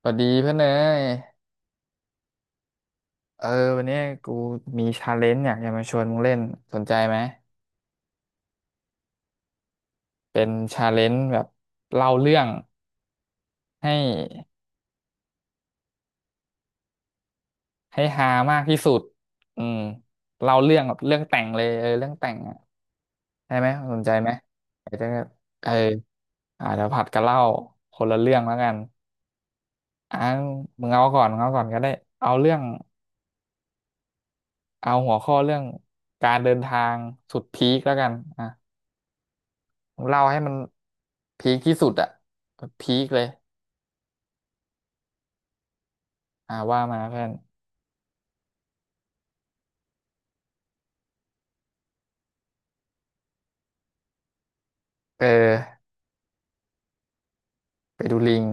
สวัสดีเพื่อนเอ้ยเออวันนี้กูมีชาเลนจ์อยากจะมาชวนมึงเล่นสนใจไหม เป็นชาเลนจ์แบบเล่าเรื่องให้ให้ฮามากที่สุดอืมเล่าเรื่องแบบเรื่องแต่งเลยเออเรื่องแต่งอะได้ไหมสนใจไหมเดี๋ยวจะเออเดี๋ยวผัดกันเล่าคนละเรื่องแล้วกันอ่ะมึงเอาก่อนก็ได้เอาเรื่องเอาหัวข้อเรื่องการเดินทางสุดพีคแล้วกันอ่ะเล่าให้มันพีคที่สุดอะพีคเลย อ่าว่ามาเพื่อนเออไปดูลิง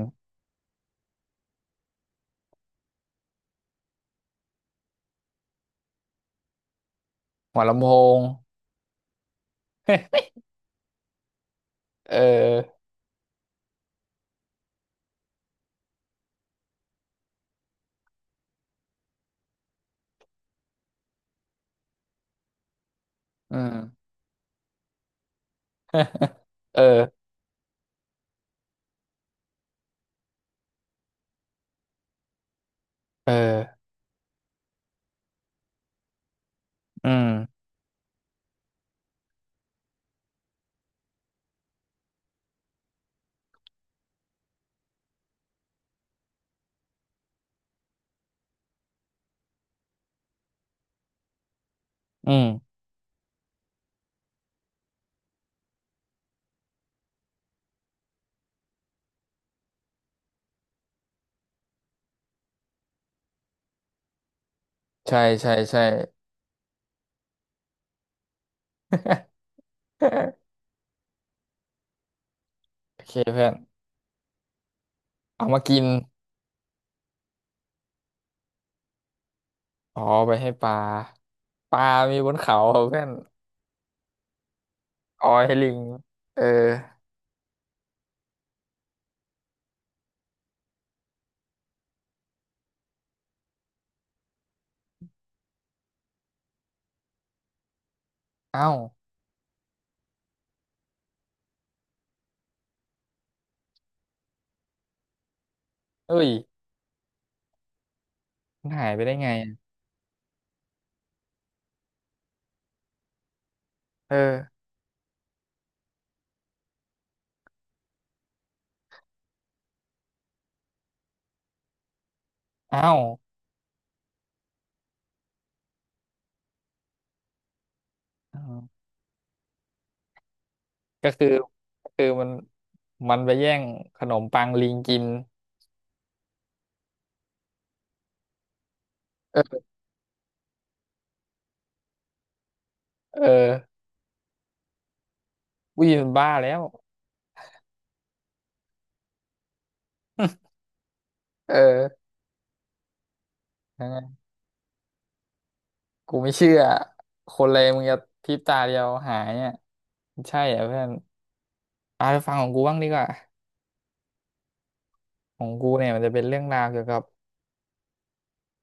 หัวลำโพง เอออืม เออเอออืมอืมใช่ใช่ใช่ โอเคเพื่อนเอามากินอ๋อไปให้ปลาปลามีบนเขาเพื่อนเอ๋อให้ลิงเออเอ้าเอ้ยมันหายไปได้ไงอะเออเอ้าอืมก็คือก็คือมันไปแย่งขนมปังลิงกินเออเออวิ่ยมันบ้าแล้ว เออยังไงกูไม่เชื่อ คนเลยมึงจะพริบตาเดียวหายเนี่ยใช่เหรเพื่อนเอาไปฟังของกูบ้างดีกว่าของกูเนี่ยมันจะเป็นเรื่องราวเกี่ยวกับ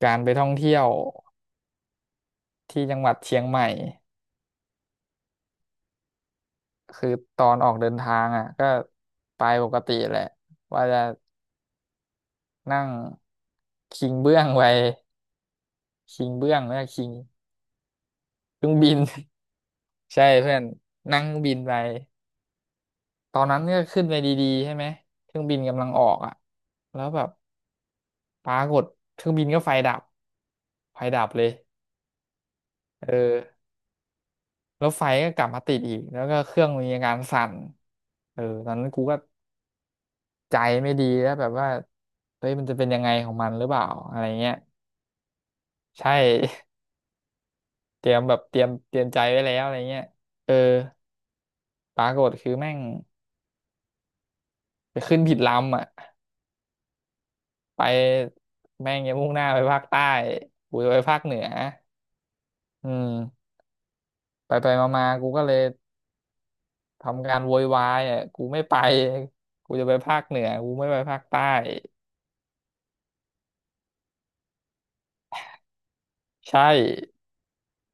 การไปท่องเที่ยวที่จังหวัดเชียงใหม่ คือตอนออกเดินทางอ่ะก็ไปปกติแหละ ว่าจะนั่งคิงเบื้องไปคิงเบื้องไม่ใช่คิงเครื่องบิน ใช่เพื่อนนั่งเครื่องบินไป ตอนนั้นก็ขึ้นไปดีๆใช่ไหมเครื่องบินกำลังออกอ่ะแล้วแบบ ปรากฏเครื่องบินก็ไฟดับไฟดับเลยเออแล้วไฟก็กลับมาติดอีกแล้วก็เครื่องมีอาการสั่นเออตอนนั้นกูก็ใจไม่ดีแล้วแบบว่าเฮ้ยมันจะเป็นยังไงของมันหรือเปล่าอะไรเงี้ยใช่ เตรียมแบบเตรียมใจไว้แล้วอะไรเงี้ยเออปรากฏคือแม่งไปขึ้นผิดลำอ่ะไปแม่งยังมุ่งหน้าไปภาคใต้กูจะไปภาคเหนืออืมไปไปมามาๆกูเลย ทำการโวยวายอ่ะกูไม่ไปกูจะไปภาคเหนือกูไม่ไปภาคใต้ใช่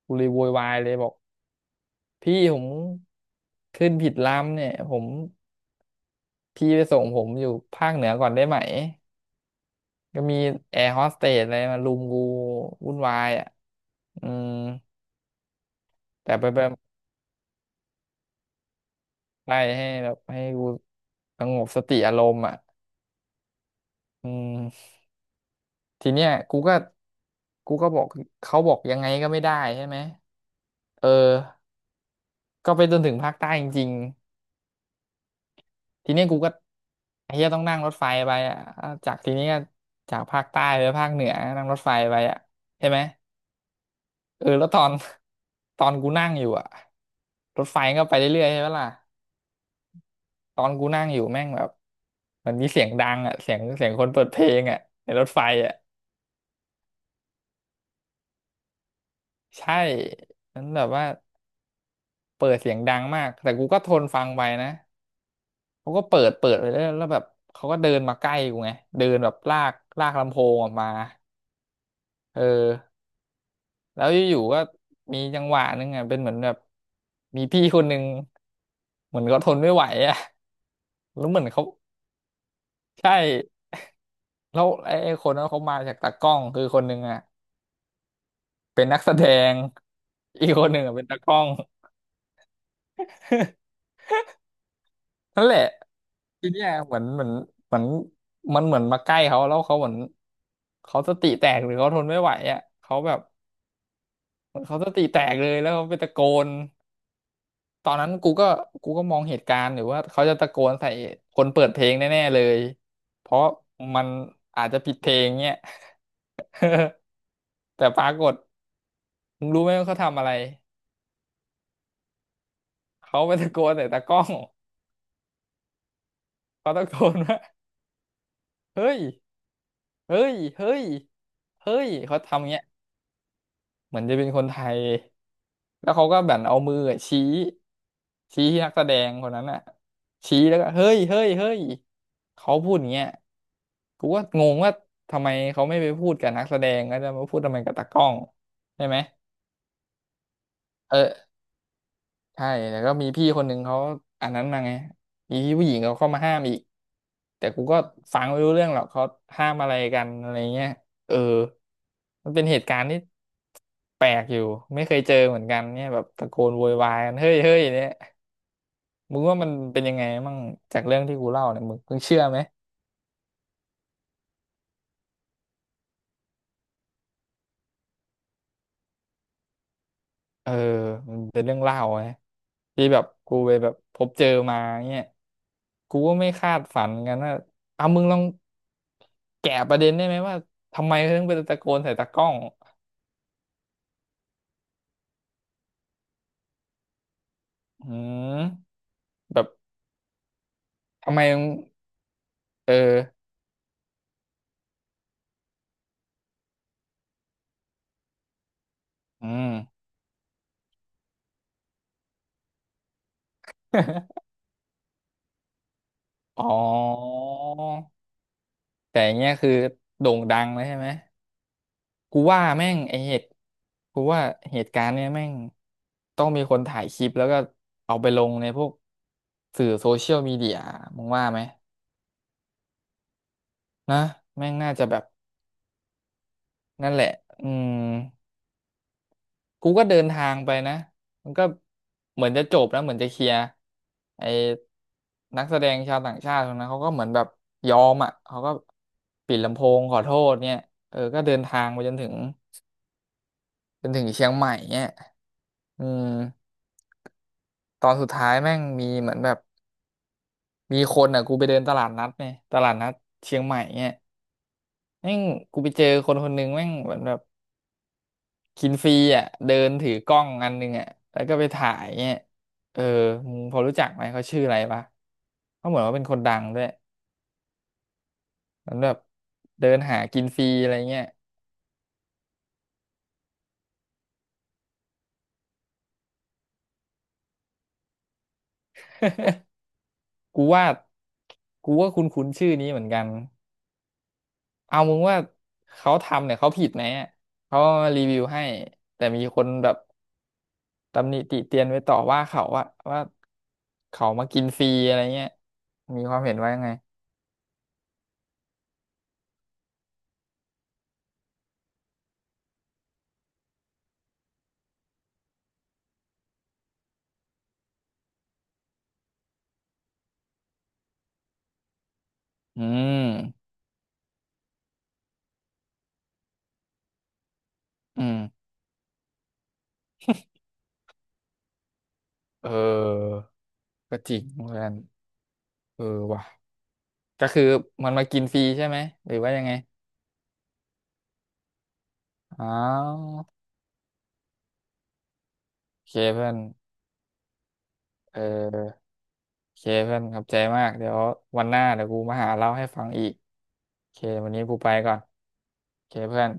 กูเลยโวยวายเลยบอกพี่ผมขึ้นผิดลำเนี่ยผมพี่ไปส่งผมอยู่ภาคเหนือก่อนได้ไหมก็มีแอร์โฮสเตสอะไรมารุมกูวุ่นวายอ่ะอืมแต่ไปไปไล่ให้แบบให้กูสงบสติอารมณ์อ่ะอืมทีเนี้ยกูก็บอกเขาบอกยังไงก็ไม่ได้ใช่ไหมเออก็ไปจนถึงภาคใต้จริง ทีนี้กูก็ไอ้เหี้ยต้องนั่งรถไฟไปอ่ะจากทีนี้ก็จากภาคใต้ไปภาคเหนือนั่งรถไฟไปอ่ะใช่ไหมเออแล้วตอน ตอนกูนั่งอยู่อ่ะรถไฟก็ไปเรื่อยๆใช่ไหมล่ะตอนกูนั่งอยู่แม่งแบบมันมีเสียงดังอ่ะเสียงคนเปิดเพลงอ่ะในรถไฟอ่ะใช่นั้นแบบว่าเปิดเสียงดังมากแต่กูก็ทนฟังไปนะเขาก็เปิดไปเรื่อยแล้วแบบเขาก็เดินมาใกล้กูไงเดินแบบลากลากลำโพงออกมาเออ แล้วอยู่ๆก็มีจังหวะหนึงอ่ะเป็นเหมือนแบบมีพี่คนหนึ่งเหมือนเขาทนไม่ไหวอ่ะแล้วเหมือนเขาใช่แล้วไอ้คนนั้นเขามาจากตากล้องคือคนหนึ่งอ่ะเป็นนักแสดงอีกคนหนึ่งอ่ะเป็นตากล้อง นั่นแหละทีเนี้ยเหมือนมันเหมือนมาใกล้เขาแล้วเขาเหมือนเขาสติแตกหรือเขาทนไม่ไหวอ่ะเขาแบบเหมือนเขาสติแตกเลยแล้วเขาไปตะโกน ตอนนั้นกูก็มองเหตุการณ์หรือว่าเขาจะตะโกนใส่คนเปิดเพลงแน่ๆเลยเพราะมันอาจจะผิดเพลงเงี้ย แต่ปรากฏมึงรู้ไหมว่าเขาทำอะไรเขาไปตะโกนใส่ตากล้องเขาตะโกนว่าเฮ้ยเฮ้ยเฮ้ยเฮ้ยเขาทำเงี้ย เหมือนจะเป็นคนไทย แล้วเขาก็แบบเอามืออะชี้ชี้ที่นักแสดงคนนั้นอ่ะชี้แล้วก็เฮ้ยเฮ้ยเฮ้ยเขาพูดอย่างเงี้ยกูก็งงว่าทำไมเขาไม่ไปพูดกับนักแสดงก็จะมาพูดทำไมกับตากล้องใช่ไหมเออใช่แล้วก็มีพี่คนหนึ่งเขาอันนั้นมาไงมีพี่ผู้หญิงเขาเข้ามาห้ามอีกแต่กูก็ฟังไม่รู้เรื่องหรอกเขาห้ามอะไรกันอะไรเงี้ยเออมันเป็นเหตุการณ์ที่ แปลกอยู่ไม่เคยเจอเหมือนกันเนี่ยแบบตะโกนโวยวายกันเฮ้ยเฮ้ยเนี่ยมึงว่ามันเป็นยังไงมั่งจากเรื่องที่กูเล่าเนี่ยมึงเชื่อไหมเออมันเป็นเรื่องเล่าไงที่แบบกูไปแบบพบเจอมาเนี่ยกูก็ไม่คาดฝันเหมือนกันว่าเอามึงลองแกะประเด็นได้ไหมว่าทำไมเขาถึงไปตะโกนใส่ตากล้องอืมแบบทำไมมึงเอออืม อ๋อแต่อย่างเงี้ยคือโด่งดังเลยใช่ไหม กูว่าแม่งไอเหตุกูว่าเหตุการณ์เนี่ยแม่งต้องมีคนถ่ายคลิปแล้วก็เอาไปลงในพวกสื่อโซเชียลมีเดียมึงว่าไหมนะแม่งน่าจะแบบนั่นแหละอืมกูก็เดินทางไปนะมันก็เหมือนจะจบนะเหมือนจะเคลียร์ไอ้นักแสดงชาวต่างชาติคนนั้นเขาก็เหมือนแบบยอมอ่ะเขาก็ปิดลำโพงขอโทษเนี่ยเออก็เดินทางไปจนถึงเชียงใหม่เนี่ยอืม ตอนสุดท้ายแม่งมีเหมือนแบบมีคนอ่ะกูไปเดินตลาดนัดเนี่ยตลาดนัดเชียงใหม่เนี่ยแม่งกูไปเจอคนคนหนึ่งแม่งเหมือนแบบกินฟรีอ่ะเดินถือกล้องอันหนึ่งอ่ะแล้วก็ไปถ่ายเนี่ยเออมึงพอรู้จักไหมเขาชื่ออะไรปะเขาเหมือนว่าเป็นคนดังด้วยเหมือนแบบเดินหากินฟรีอะไรเงี้ยกูว่ากูว่าคุ้นคุ้นชื่อนี้เหมือนกันเอามึงว่าเขาทำเนี่ยเขาผิดไหมอะเขามารีวิวให้แต่มีคนแบบ ตำหนิติเตียนไว้ต่อว่าเขาว่าว่าเขามากินฟรีอะไรเงี้ยมีความเห็นว่ายังไงอืมอืมเออก็จริงเหมือนกันเออว่ะก็คือมันมากินฟรีใช่ไหมหรือว่ายังไงอาวโอเคเพื่อนเออโอเคเพื่อนขอบใจมากเดี๋ยววันหน้าเดี๋ยวกูมาหาเล่าให้ฟังอีกโอเควันนี้กูไปก่อนโอเคเพื่อน